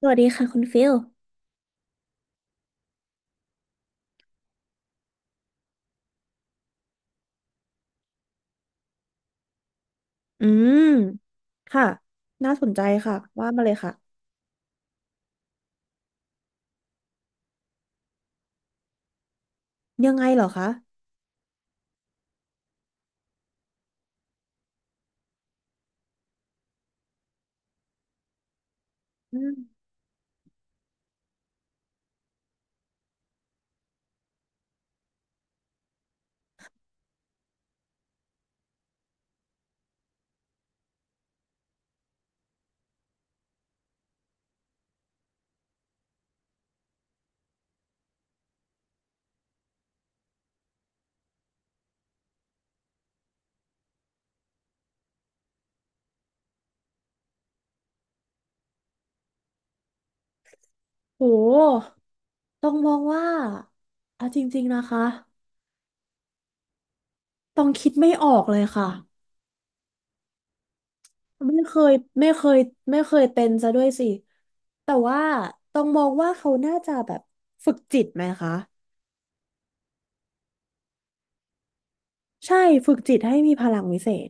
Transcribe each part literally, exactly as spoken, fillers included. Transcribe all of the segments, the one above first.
สวัสดีค่ะคุณฟิลอืมค่ะน่าสนใจค่ะว่ามาเลยค่ะยังไงเหรอคะอืมโหต้องมองว่าอะจริงๆนะคะต้องคิดไม่ออกเลยค่ะ ไม่เคยไม่เคยไม่เคยเป็นซะด้วยสิ แต่ว่าต้องมองว่าเขาน่าจะแบบฝึกจิตไหมคะ ใช่ฝึกจิตให้มีพลังวิเศษ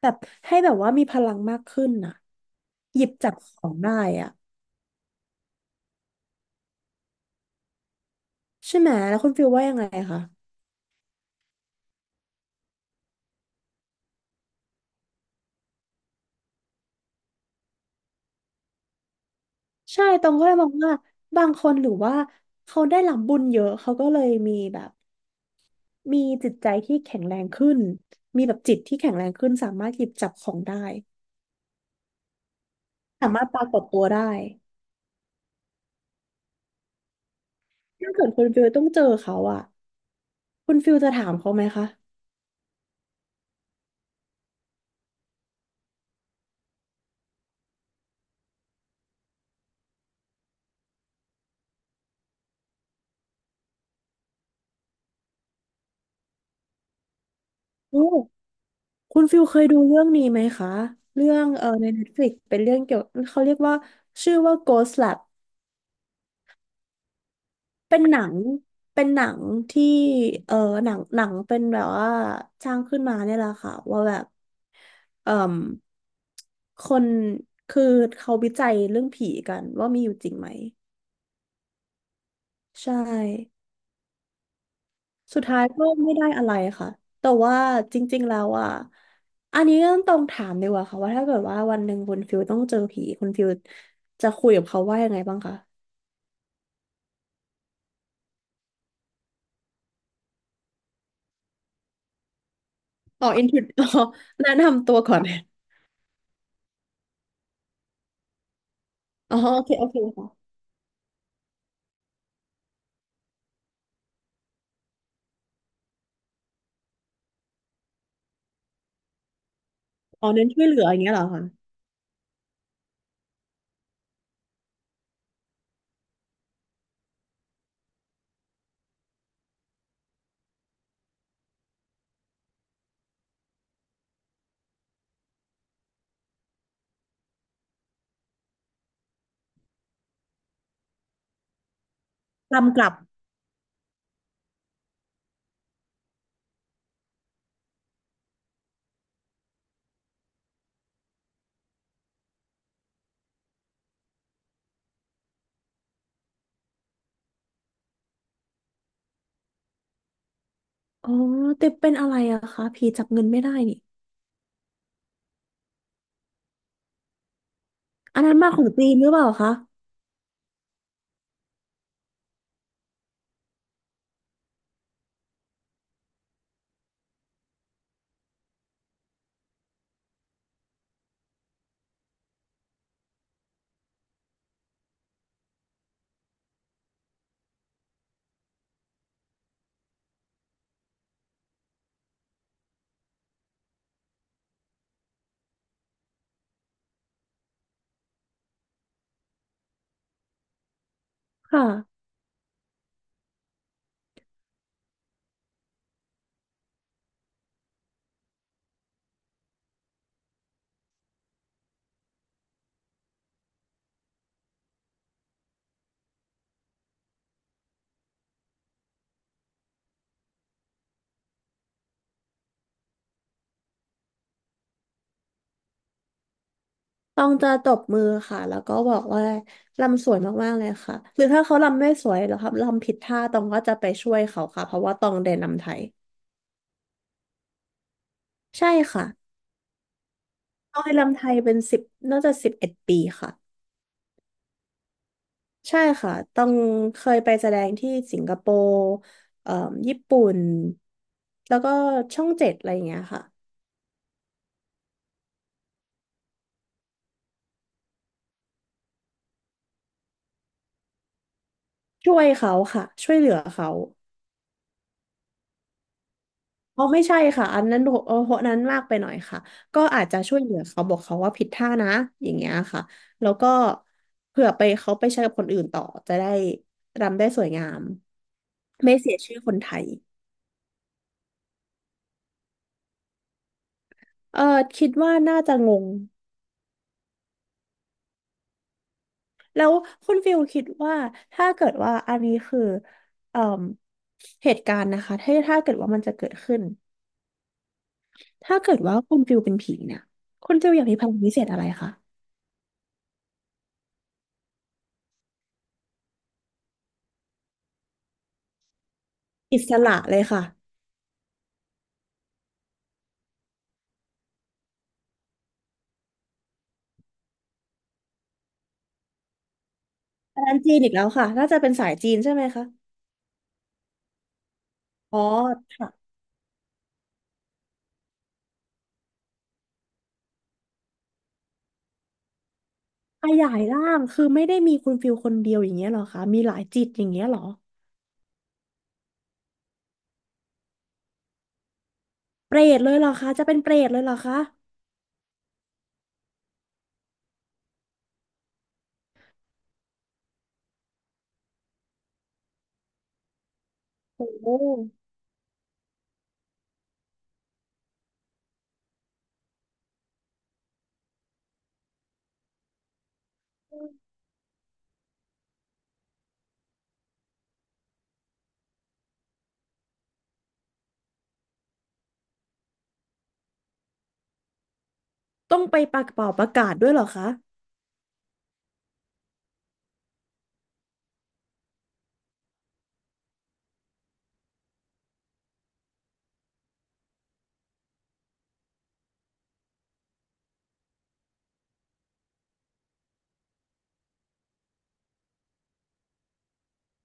แบบให้แบบว่ามีพลังมากขึ้นน่ะหยิบจับของได้อ่ะใช่ไหมแล้วคุณฟิลว่ายังไงคะ ใช่ตองก็เลยมองว่าบางคนหรือว่าเขาได้รับบุญเยอะเขาก็เลยมีแบบมีจิตใจที่แข็งแรงขึ้นมีแบบจิตที่แข็งแรงขึ้นสามารถหยิบจับของได้สามารถปรากฏตัวได้ถ้าเกิดคุณฟิลต้องเจอเขาอะคุณฟิลจะถามเขาไหมคะโอ้คุณฟิลเคยดูเรื่องนี้ไหมคะเรื่องเออใน Netflix เป็นเรื่องเกี่ยวเขาเรียกว่าชื่อว่า Ghost Lab เป็นหนังเป็นหนังที่เออหนังหนังเป็นแบบว่าสร้างขึ้นมาเนี่ยแหละค่ะว่าแบบเอ่มคนคือเขาวิจัยเรื่องผีกันว่ามีอยู่จริงไหมใช่สุดท้ายก็ไม่ได้อะไรค่ะแต่ว่าจริงๆแล้วอ่ะอันนี้ก็ต้องถามดีกว่าค่ะว่าถ้าเกิดว่าวันหนึ่งคุณฟิลต้องเจอผีคุณฟิลจะคุยกับเขาว่ายังไงบ้างคะอ๋ออินทรอ๋อแนะนำตัวก่อน อ๋อโอเคโอเคค่ะอ๋อเน้นช่วยเหลืออย่างเงี้ยเหรอคะ กำกลับอ๋อแต่เป็นอะไรอะคะผีจับเงินไม่ได้นี่อันนั้นมาของจีนหรือเปล่าคะค่ะ ต้องจะตบมือค่ะ แล้วก็บอกว่าลำสวยมากๆเลยค่ะ หรือถ้าเขาลำไม่สวยหรือครับลำผิดท่าตองก็จะไปช่วยเขาค่ะเพราะว่าตองเรียนลำไทยใช่ค่ะตองเรียนลำไทยเป็นสิบน่าจะสิบเอ็ดปีค่ะใช่ค่ะต้องเคยไปแสดงที่สิงคโปร์เอ่อญี่ปุ่นแล้วก็ช่องเจ็ดอะไรอย่างเงี้ยค่ะช่วยเขาค่ะช่วยเหลือเขา อ๋อไม่ใช่ค่ะอันนั้นโหโหนั้นมากไปหน่อยค่ะก็อาจจะช่วยเหลือเขาบอกเขาว่าผิดท่านะอย่างเงี้ยค่ะแล้วก็เผื่อไปเขาไปใช้กับคนอื่นต่อจะได้รำได้สวยงามไม่เสียชื่อคนไทยเออคิดว่าน่าจะงงแล้วคุณฟิลคิดว่าถ้าเกิดว่าอันนี้คือเอ่มเหตุการณ์นะคะถ้าถ้าเกิดว่ามันจะเกิดขึ้นถ้าเกิดว่าคุณฟิลเป็นผีเนี่ยคุณฟิลอยากมีพลังพิเศษอะไรคะอิสระเลยค่ะ ร้านจีนอีกแล้วค่ะน่าจะเป็นสายจีนใช่ไหมคะอ๋อค่ะขยายร่างคือไม่ได้มีคุณฟิลคนเดียวอย่างเงี้ยเหรอคะมีหลายจิตอย่างเงี้ยเหรอเปรตเลยเหรอคะจะเป็นเปรตเลยเหรอคะโอ้โหต้องไปปากเป่าประกาศด้วยเหรอคะ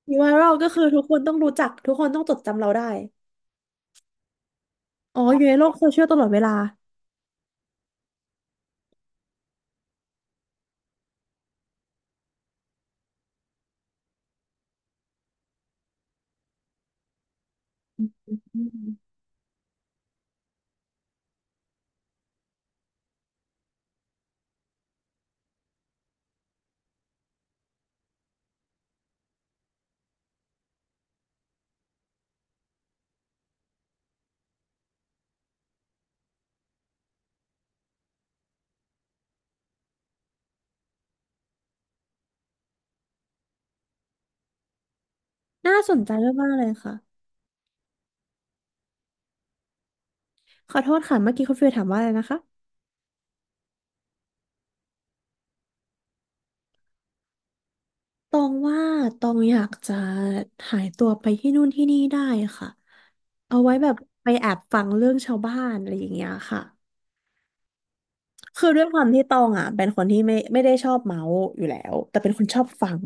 มีไวรัลก็คือทุกคนต้องรู้จักทุกคนต้องจดจำเราได้อ๋ออยู่ในโลกโซเชียลตลอดเวลาอืมน่าสนใจมากๆเลยค่ะขอโทษค่ะเมื่อกี้คุณฟิลถามว่าอะไรนะคะตองว่าตองอยากจะหายตัวไปที่นู่นที่นี่ได้ค่ะ เอาไว้แบบไปแอบฟังเรื่องชาวบ้านอะไรอย่างเงี้ยค่ะคือด้วยความที่ตองอ่ะเป็นคนที่ไม่ไม่ได้ชอบเมาส์อยู่แล้วแต่เป็นคนชอบฟัง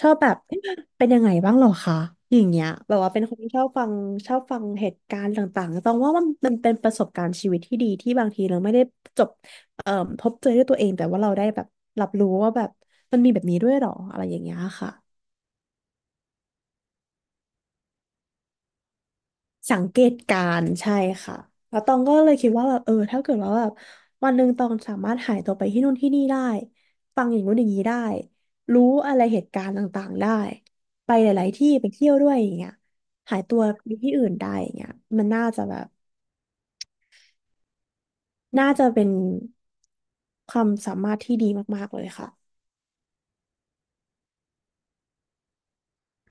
ชอบแบบเอ๊ะเป็นยังไงบ้างหรอคะอย่างเงี้ยแบบว่าเป็นคนที่ชอบฟังชอบฟังเหตุการณ์ต่างๆตองว่ามันมันเป็นประสบการณ์ชีวิตที่ดีที่บางทีเราไม่ได้จบเอ่อพบเจอด้วยตัวเองแต่ว่าเราได้แบบรับรู้ว่าแบบมันมีแบบนี้ด้วยหรออะไรอย่างเงี้ยค่ะ สังเกตการณ์ใช่ค่ะแล้วตองก็เลยคิดว่าแบบเออถ้าเกิดว่าแบบวันหนึ่งตองสามารถหายตัวไปที่นู่นที่นี่ได้ฟังอย่างนู้นอย่างนี้ได้รู้อะไรเหตุการณ์ต่างๆได้ไปหลายๆที่ไปเที่ยวด้วยอย่างเงี้ยหายตัวไปที่อื่นได้อย่างเงี้ยมันน่าจะแบบน่าจะเป็นความสามารถที่ดีมากๆเลยค่ะ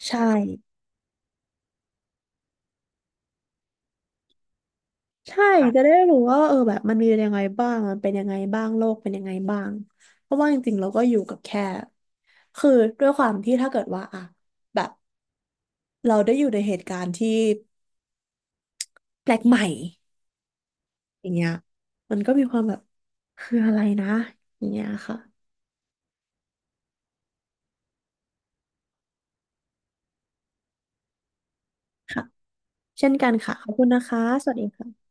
ใช่ ใช่ค่ะจะได้รู้ว่าเออแบบมันมียังไงบ้างมันเป็นยังไงบ้างโลกเป็นยังไงบ้างเพราะว่าจริงๆเราก็อยู่กับแค่คือด้วยความที่ถ้าเกิดว่าอะแบบเราได้อยู่ในเหตุการณ์ที่แปลกใหม่อย่างเงี้ยมันก็มีความแบบคืออะไรนะอย่างเงี้ยค่ะค่ะเช่นกันค่ะขอบคุณนะคะสวัสดีค่ะ